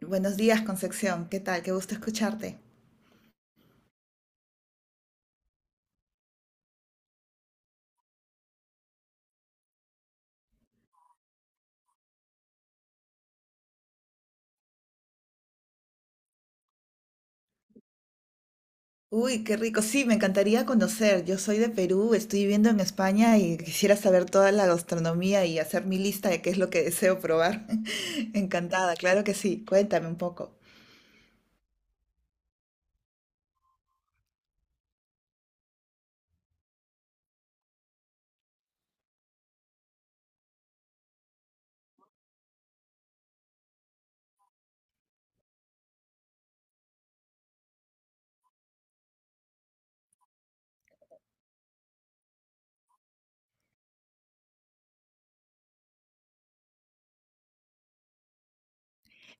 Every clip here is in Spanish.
Buenos días, Concepción. ¿Qué tal? Qué gusto escucharte. Uy, qué rico. Sí, me encantaría conocer. Yo soy de Perú, estoy viviendo en España y quisiera saber toda la gastronomía y hacer mi lista de qué es lo que deseo probar. Encantada, claro que sí. Cuéntame un poco.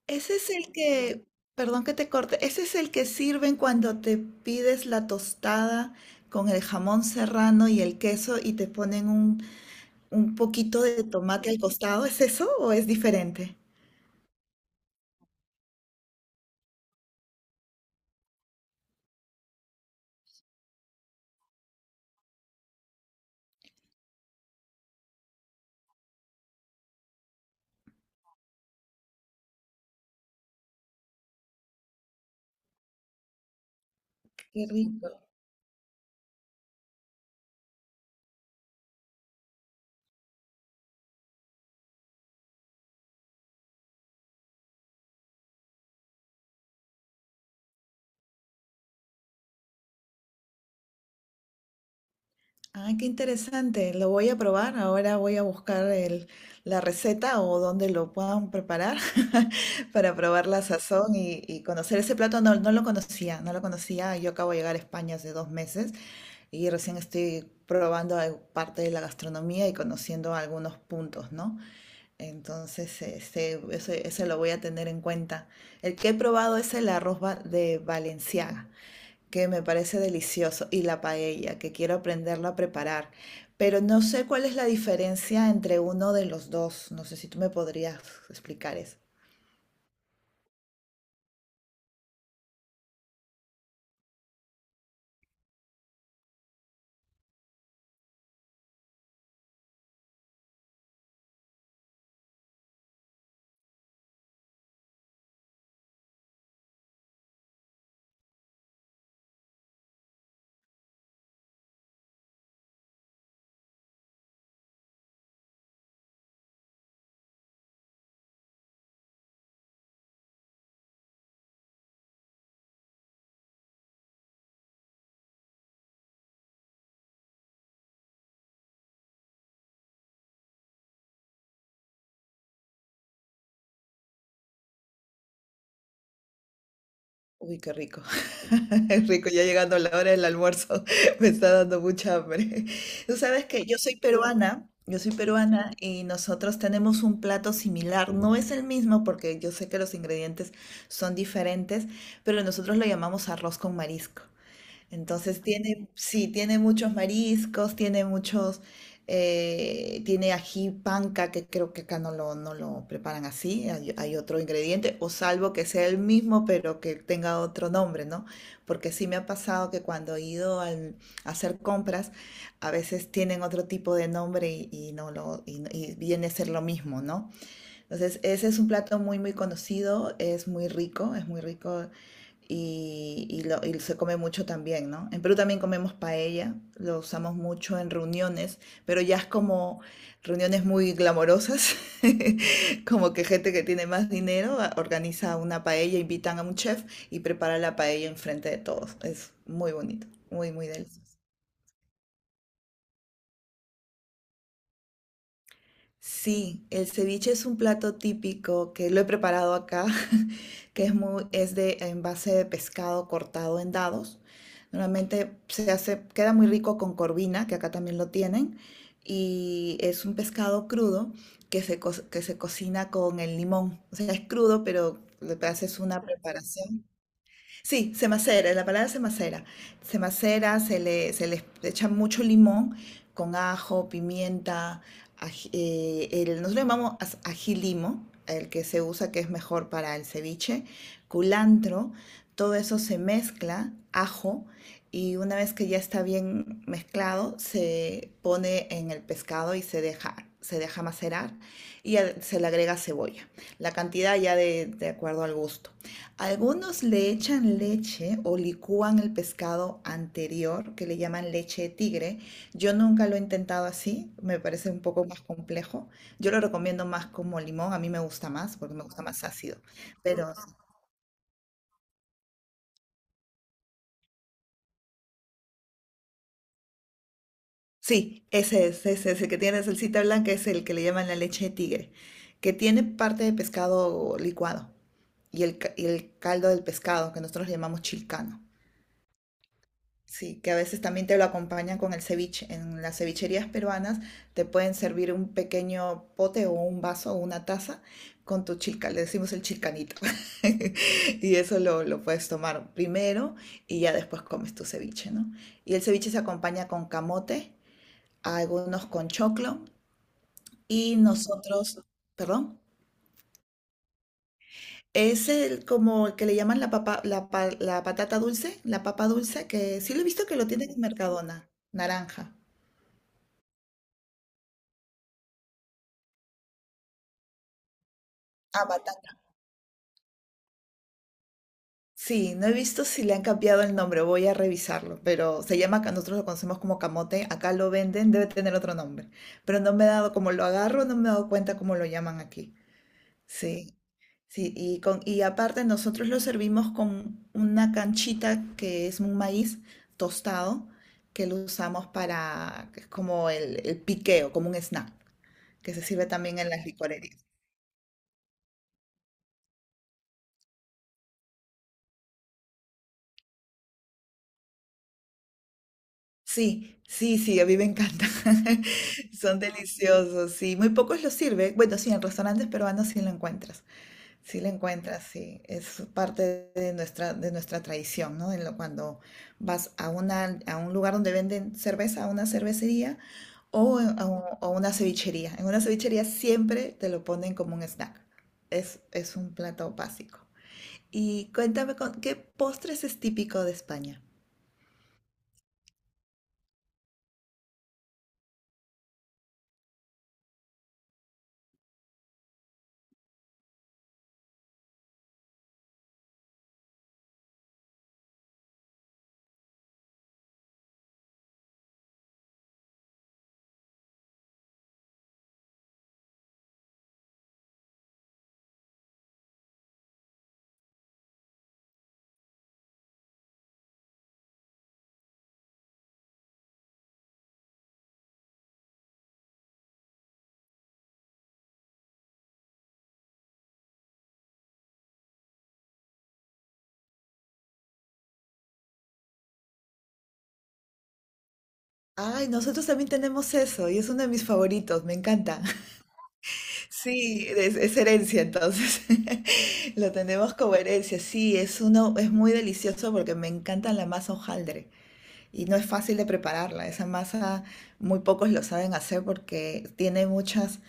Ese es el que, perdón que te corte, ese es el que sirven cuando te pides la tostada con el jamón serrano y el queso y te ponen un poquito de tomate al costado. ¿Es eso o es diferente? Qué rico. Ay, qué interesante. Lo voy a probar. Ahora voy a buscar la receta o donde lo puedan preparar para probar la sazón y conocer ese plato. No, no lo conocía, no lo conocía. Yo acabo de llegar a España hace 2 meses y recién estoy probando parte de la gastronomía y conociendo algunos puntos, ¿no? Entonces, este, eso lo voy a tener en cuenta. El que he probado es el arroz de Valenciaga que me parece delicioso, y la paella, que quiero aprenderla a preparar. Pero no sé cuál es la diferencia entre uno de los dos. No sé si tú me podrías explicar eso. Uy, qué rico. Es rico, ya llegando la hora del almuerzo, me está dando mucha hambre. Tú sabes que yo soy peruana y nosotros tenemos un plato similar. No es el mismo porque yo sé que los ingredientes son diferentes, pero nosotros lo llamamos arroz con marisco. Entonces tiene, sí, tiene muchos mariscos, tiene muchos, tiene ají panca, que creo que acá no lo preparan así, hay otro ingrediente, o salvo que sea el mismo, pero que tenga otro nombre, ¿no? Porque sí me ha pasado que cuando he ido a hacer compras, a veces tienen otro tipo de nombre y no lo, y, y viene a ser lo mismo, ¿no? Entonces, ese es un plato muy, muy conocido, es muy rico y, y se come mucho también, ¿no? En Perú también comemos paella, lo usamos mucho en reuniones, pero ya es como reuniones muy glamorosas, como que gente que tiene más dinero organiza una paella, invitan a un chef y prepara la paella enfrente de todos. Es muy bonito, muy, muy delicioso. Sí, el ceviche es un plato típico que lo he preparado acá, que es de en base de pescado cortado en dados. Normalmente se hace, queda muy rico con corvina, que acá también lo tienen, y es un pescado crudo que se cocina con el limón. O sea, es crudo, pero le haces una preparación. Sí, se macera, la palabra se macera. Se macera, se le echa mucho limón con ajo, pimienta, nosotros le llamamos ají limo, el que se usa que es mejor para el ceviche, culantro, todo eso se mezcla, ajo, y una vez que ya está bien mezclado, se pone en el pescado y se deja macerar y se le agrega cebolla. La cantidad ya de acuerdo al gusto. Algunos le echan leche o licúan el pescado anterior, que le llaman leche de tigre. Yo nunca lo he intentado así, me parece un poco más complejo. Yo lo recomiendo más como limón, a mí me gusta más porque me gusta más ácido. Pero sí, ese es el que tiene salsita blanca, es el que le llaman la leche de tigre, que tiene parte de pescado licuado y el caldo del pescado, que nosotros le llamamos chilcano. Sí, que a veces también te lo acompañan con el ceviche. En las cevicherías peruanas te pueden servir un pequeño pote o un vaso o una taza con tu chilca, le decimos el chilcanito. Y eso lo puedes tomar primero y ya después comes tu ceviche, ¿no? Y el ceviche se acompaña con camote, algunos con choclo y nosotros, perdón, es el como el que le llaman la papa, la patata dulce, la papa dulce, que sí lo he visto que lo tienen en Mercadona, naranja. Ah, sí, no he visto si le han cambiado el nombre, voy a revisarlo, pero nosotros lo conocemos como camote, acá lo venden, debe tener otro nombre, pero no me he dado, como lo agarro, no me he dado cuenta cómo lo llaman aquí. Sí, sí, y aparte nosotros lo servimos con una canchita que es un maíz tostado, que lo usamos para, que es como el piqueo, como un snack, que se sirve también en las licorerías. Sí, sí, sí, a mí me encantan. Son deliciosos, sí. Muy pocos los sirve. Bueno, sí, en restaurantes peruanos sí lo encuentras. Sí lo encuentras, sí. Es parte de nuestra tradición, ¿no? En lo, cuando vas a una, a un lugar donde venden cerveza, a una cervecería o a una cevichería. En una cevichería siempre te lo ponen como un snack. Es un plato básico. Y cuéntame, con, ¿qué postres es típico de España? Ay, nosotros también tenemos eso y es uno de mis favoritos, me encanta. Sí, es herencia, entonces lo tenemos como herencia. Sí, es uno, es muy delicioso porque me encanta la masa hojaldre y no es fácil de prepararla. Esa masa muy pocos lo saben hacer porque tiene muchas,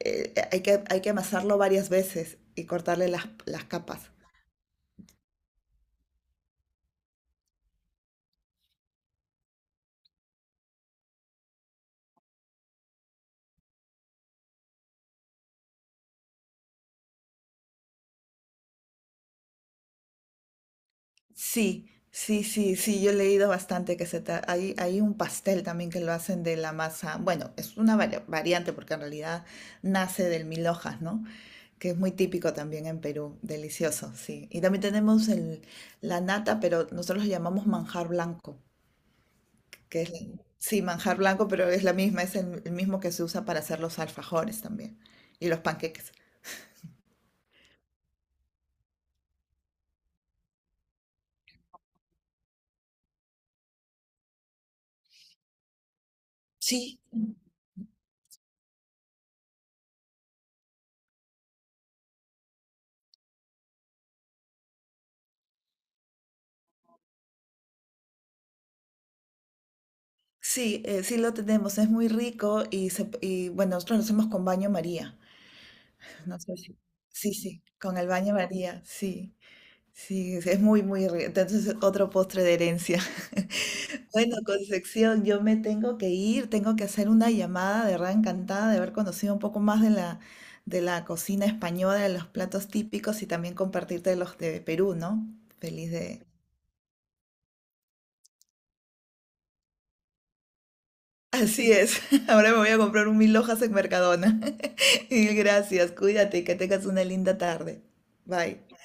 eh, hay que amasarlo varias veces y cortarle las capas. Sí, sí, sí, sí, yo he leído bastante que hay un pastel también que lo hacen de la masa, bueno, es una variante porque en realidad nace del mil hojas, ¿no? Que es muy típico también en Perú, delicioso, sí. Y también tenemos el, la nata, pero nosotros lo llamamos manjar blanco, que es, sí, manjar blanco, pero es la misma, es el mismo que se usa para hacer los alfajores también y los panqueques. Sí, Sí, sí lo tenemos, es muy rico y bueno, nosotros lo hacemos con baño María. No sé si- Sí, sí, con el baño María, sí, sí, es muy, muy rico. Entonces, otro postre de herencia. Bueno, Concepción, yo me tengo que ir, tengo que hacer una llamada de verdad encantada de haber conocido un poco más de la, cocina española, de los platos típicos y también compartirte los de Perú, ¿no? Feliz de... Así es, ahora me voy a comprar un mil hojas en Mercadona. Y gracias, cuídate y que tengas una linda tarde. Bye.